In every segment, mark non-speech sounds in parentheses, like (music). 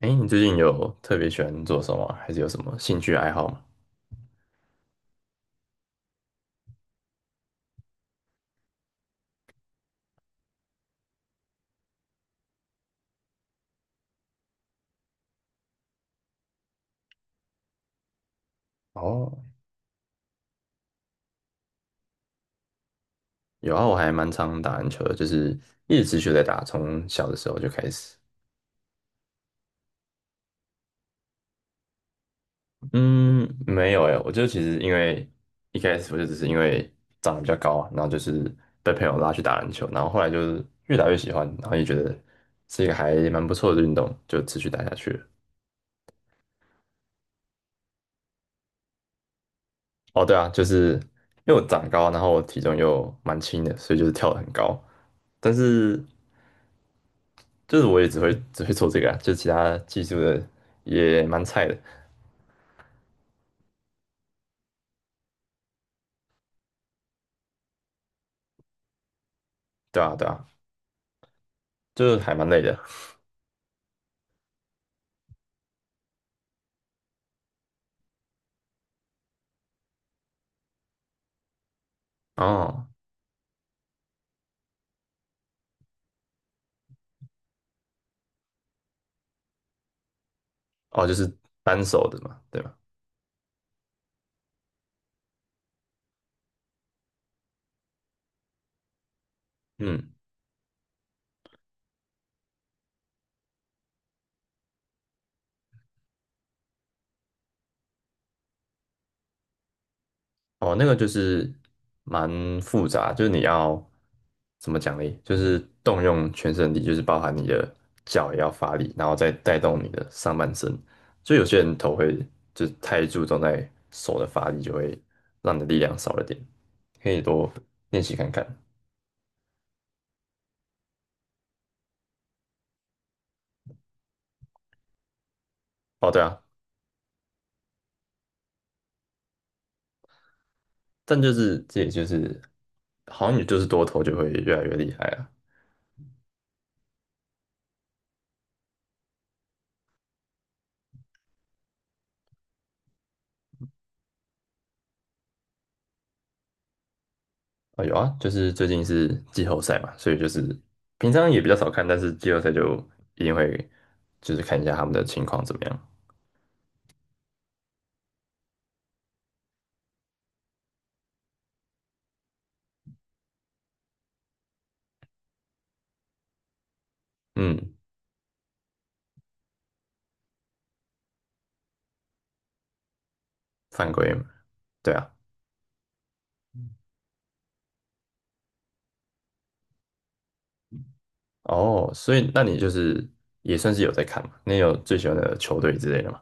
哎，你最近有特别喜欢做什么啊还是有什么兴趣爱好吗？哦，有啊，我还蛮常打篮球的，就是一直持续在打，从小的时候就开始。嗯，没有哎，我就其实因为一开始我就只是因为长得比较高啊，然后就是被朋友拉去打篮球，然后后来就是越打越喜欢，然后也觉得是一个还蛮不错的运动，就持续打下去了。哦，对啊，就是因为我长高，然后我体重又蛮轻的，所以就是跳得很高。但是就是我也只会 (laughs) 只会做这个啊，就其他技术的也蛮菜的，对啊对啊，就是还蛮累的。哦哦，就是单手的嘛，对吧？嗯，哦，那个就是蛮复杂，就是你要怎么奖励，就是动用全身力，就是包含你的脚也要发力，然后再带动你的上半身。就有些人头会就是太注重在手的发力，就会让你的力量少了点，可以多练习看看。哦，对啊，但就是这也就是好像也就是多头就会越来越厉害啊。啊有啊，就是最近是季后赛嘛，所以就是平常也比较少看，但是季后赛就一定会就是看一下他们的情况怎么样。嗯，犯规嘛。对啊。哦，所以那你就是也算是有在看嘛？你有最喜欢的球队之类的吗？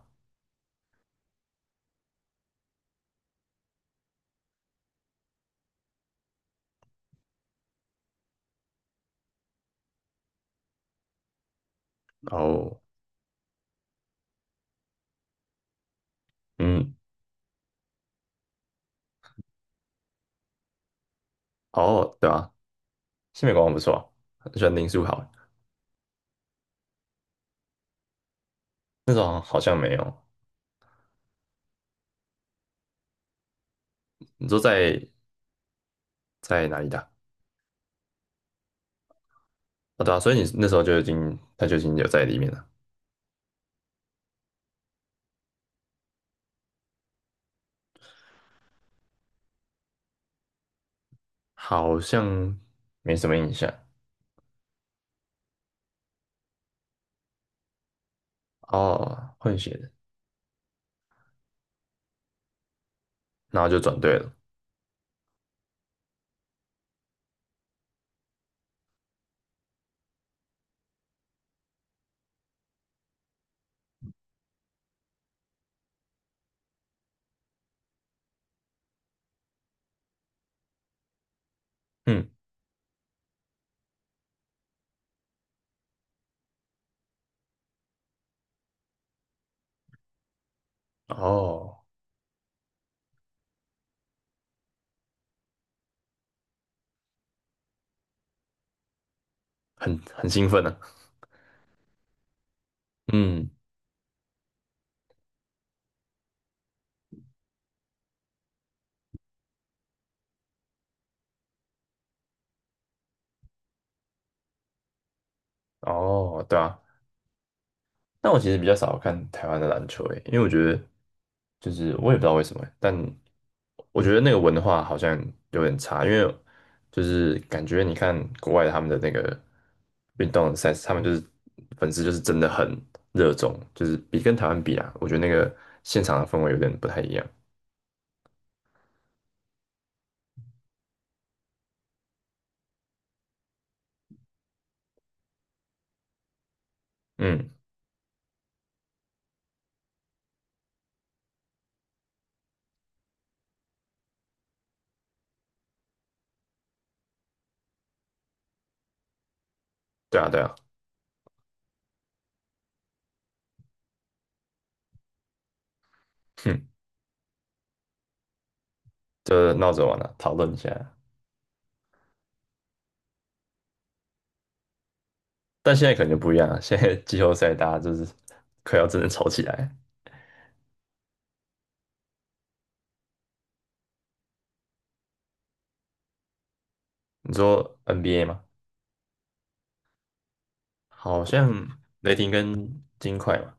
哦，嗯，哦，对啊，西美国王不错啊，很喜欢林书豪，那种好像没有。你说在哪里打？啊对啊，所以你那时候就已经，他就已经有在里面了，好像没什么印象。哦，混血的，然后就转队了。嗯，哦，很兴奋呢、啊。嗯，哦，对啊，但我其实比较少看台湾的篮球诶，因为我觉得就是我也不知道为什么欸，但我觉得那个文化好像有点差，因为就是感觉你看国外他们的那个运动赛事，他们就是粉丝就是真的很热衷，就是比跟台湾比啊，我觉得那个现场的氛围有点不太一样。嗯，对啊，对啊，哼，就闹着玩啊，讨论一下。但现在可能就不一样了，现在 (laughs) 季后赛大家就是快要真的吵起来。你说 NBA 吗？好像雷霆跟金块嘛。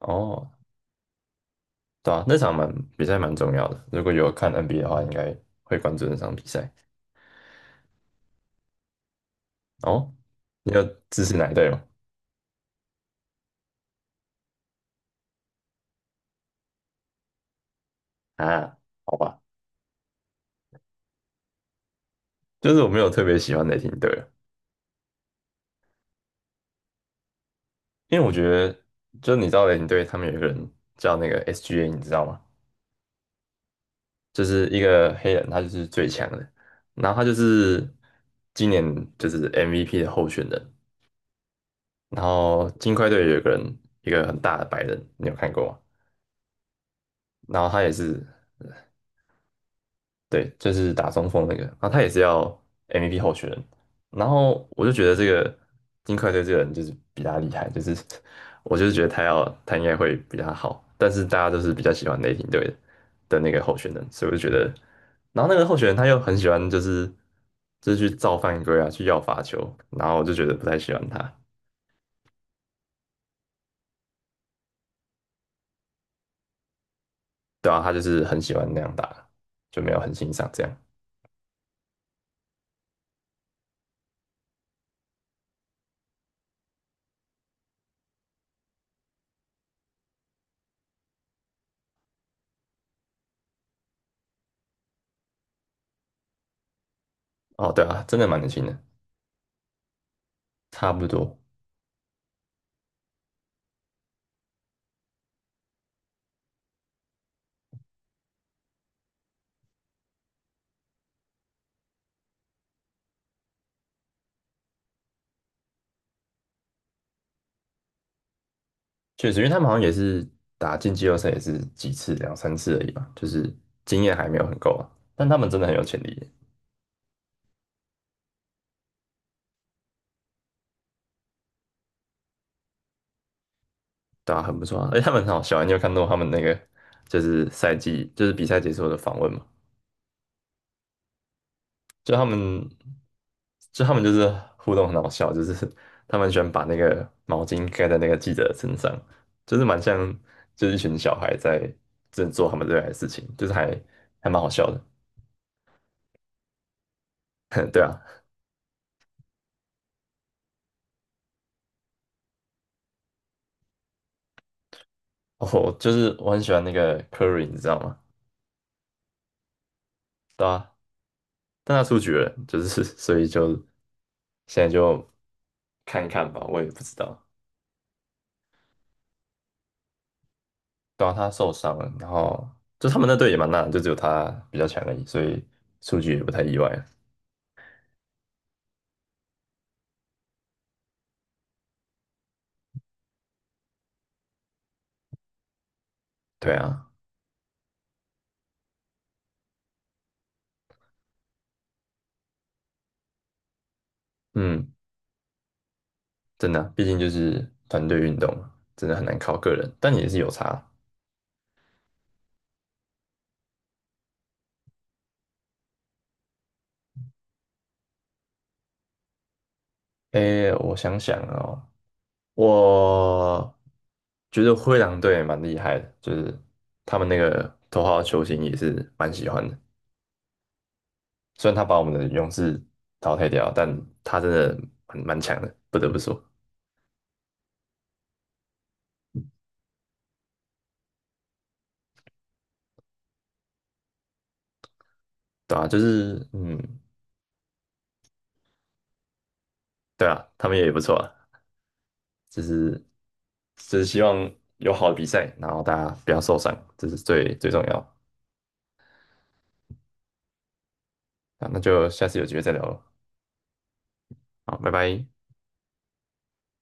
哦，对啊，那场蛮比赛蛮重要的。如果有看 NBA 的话，应该会关注那场比赛。哦，你有支持哪一队吗？啊，好吧，就是我没有特别喜欢雷霆队啊。因为我觉得，就你知道雷霆队他们有一个人叫那个 SGA，你知道吗？就是一个黑人，他就是最强的，然后他就是今年就是 MVP 的候选人。然后金块队有一个人，一个很大的白人，你有看过吗？然后他也是。对，就是打中锋那个，然后他也是要 MVP 候选人，然后我就觉得这个金块队这个人就是比他厉害，就是 (laughs) 我就是觉得他要他应该会比他好，但是大家都是比较喜欢雷霆队的那个候选人，所以我就觉得，然后那个候选人他又很喜欢就是去造犯规啊，去要罚球，然后我就觉得不太喜欢他。对啊，他就是很喜欢那样打，就没有很欣赏这样。哦，对啊，真的蛮年轻的，差不多。确实，因为他们好像也是打进季后赛也是几次，两三次而已吧，就是经验还没有很够啊。但他们真的很有潜力，对啊，很不错啊。而且他们很好笑啊，你有看到他们那个就是赛季就是比赛结束的访问嘛？就他们就他们就是互动很好笑，就是他们喜欢把那个毛巾盖在那个记者的身上，就是蛮像就是一群小孩在正做他们热爱的事情，就是还蛮好笑的。(laughs) 对啊，我就是我很喜欢那个 Curry，你知道吗？对啊，但他出局了，就是 (laughs) 所以就现在就看一看吧，我也不知道。对啊，他受伤了，然后就他们那队也蛮烂的，就只有他比较强而已，所以出局也不太意外。对啊，嗯，真的啊毕竟就是团队运动嘛，真的很难靠个人，但也是有差。诶，我想想哦，我觉得灰狼队蛮厉害的，就是他们那个头号球星也是蛮喜欢的。虽然他把我们的勇士淘汰掉，但他真的蛮强的，不得不说。对啊，就是嗯，对啊，他们也不错啊，就是只是希望有好的比赛，然后大家不要受伤，这是最最重要啊。那就下次有机会再聊了，好，拜拜。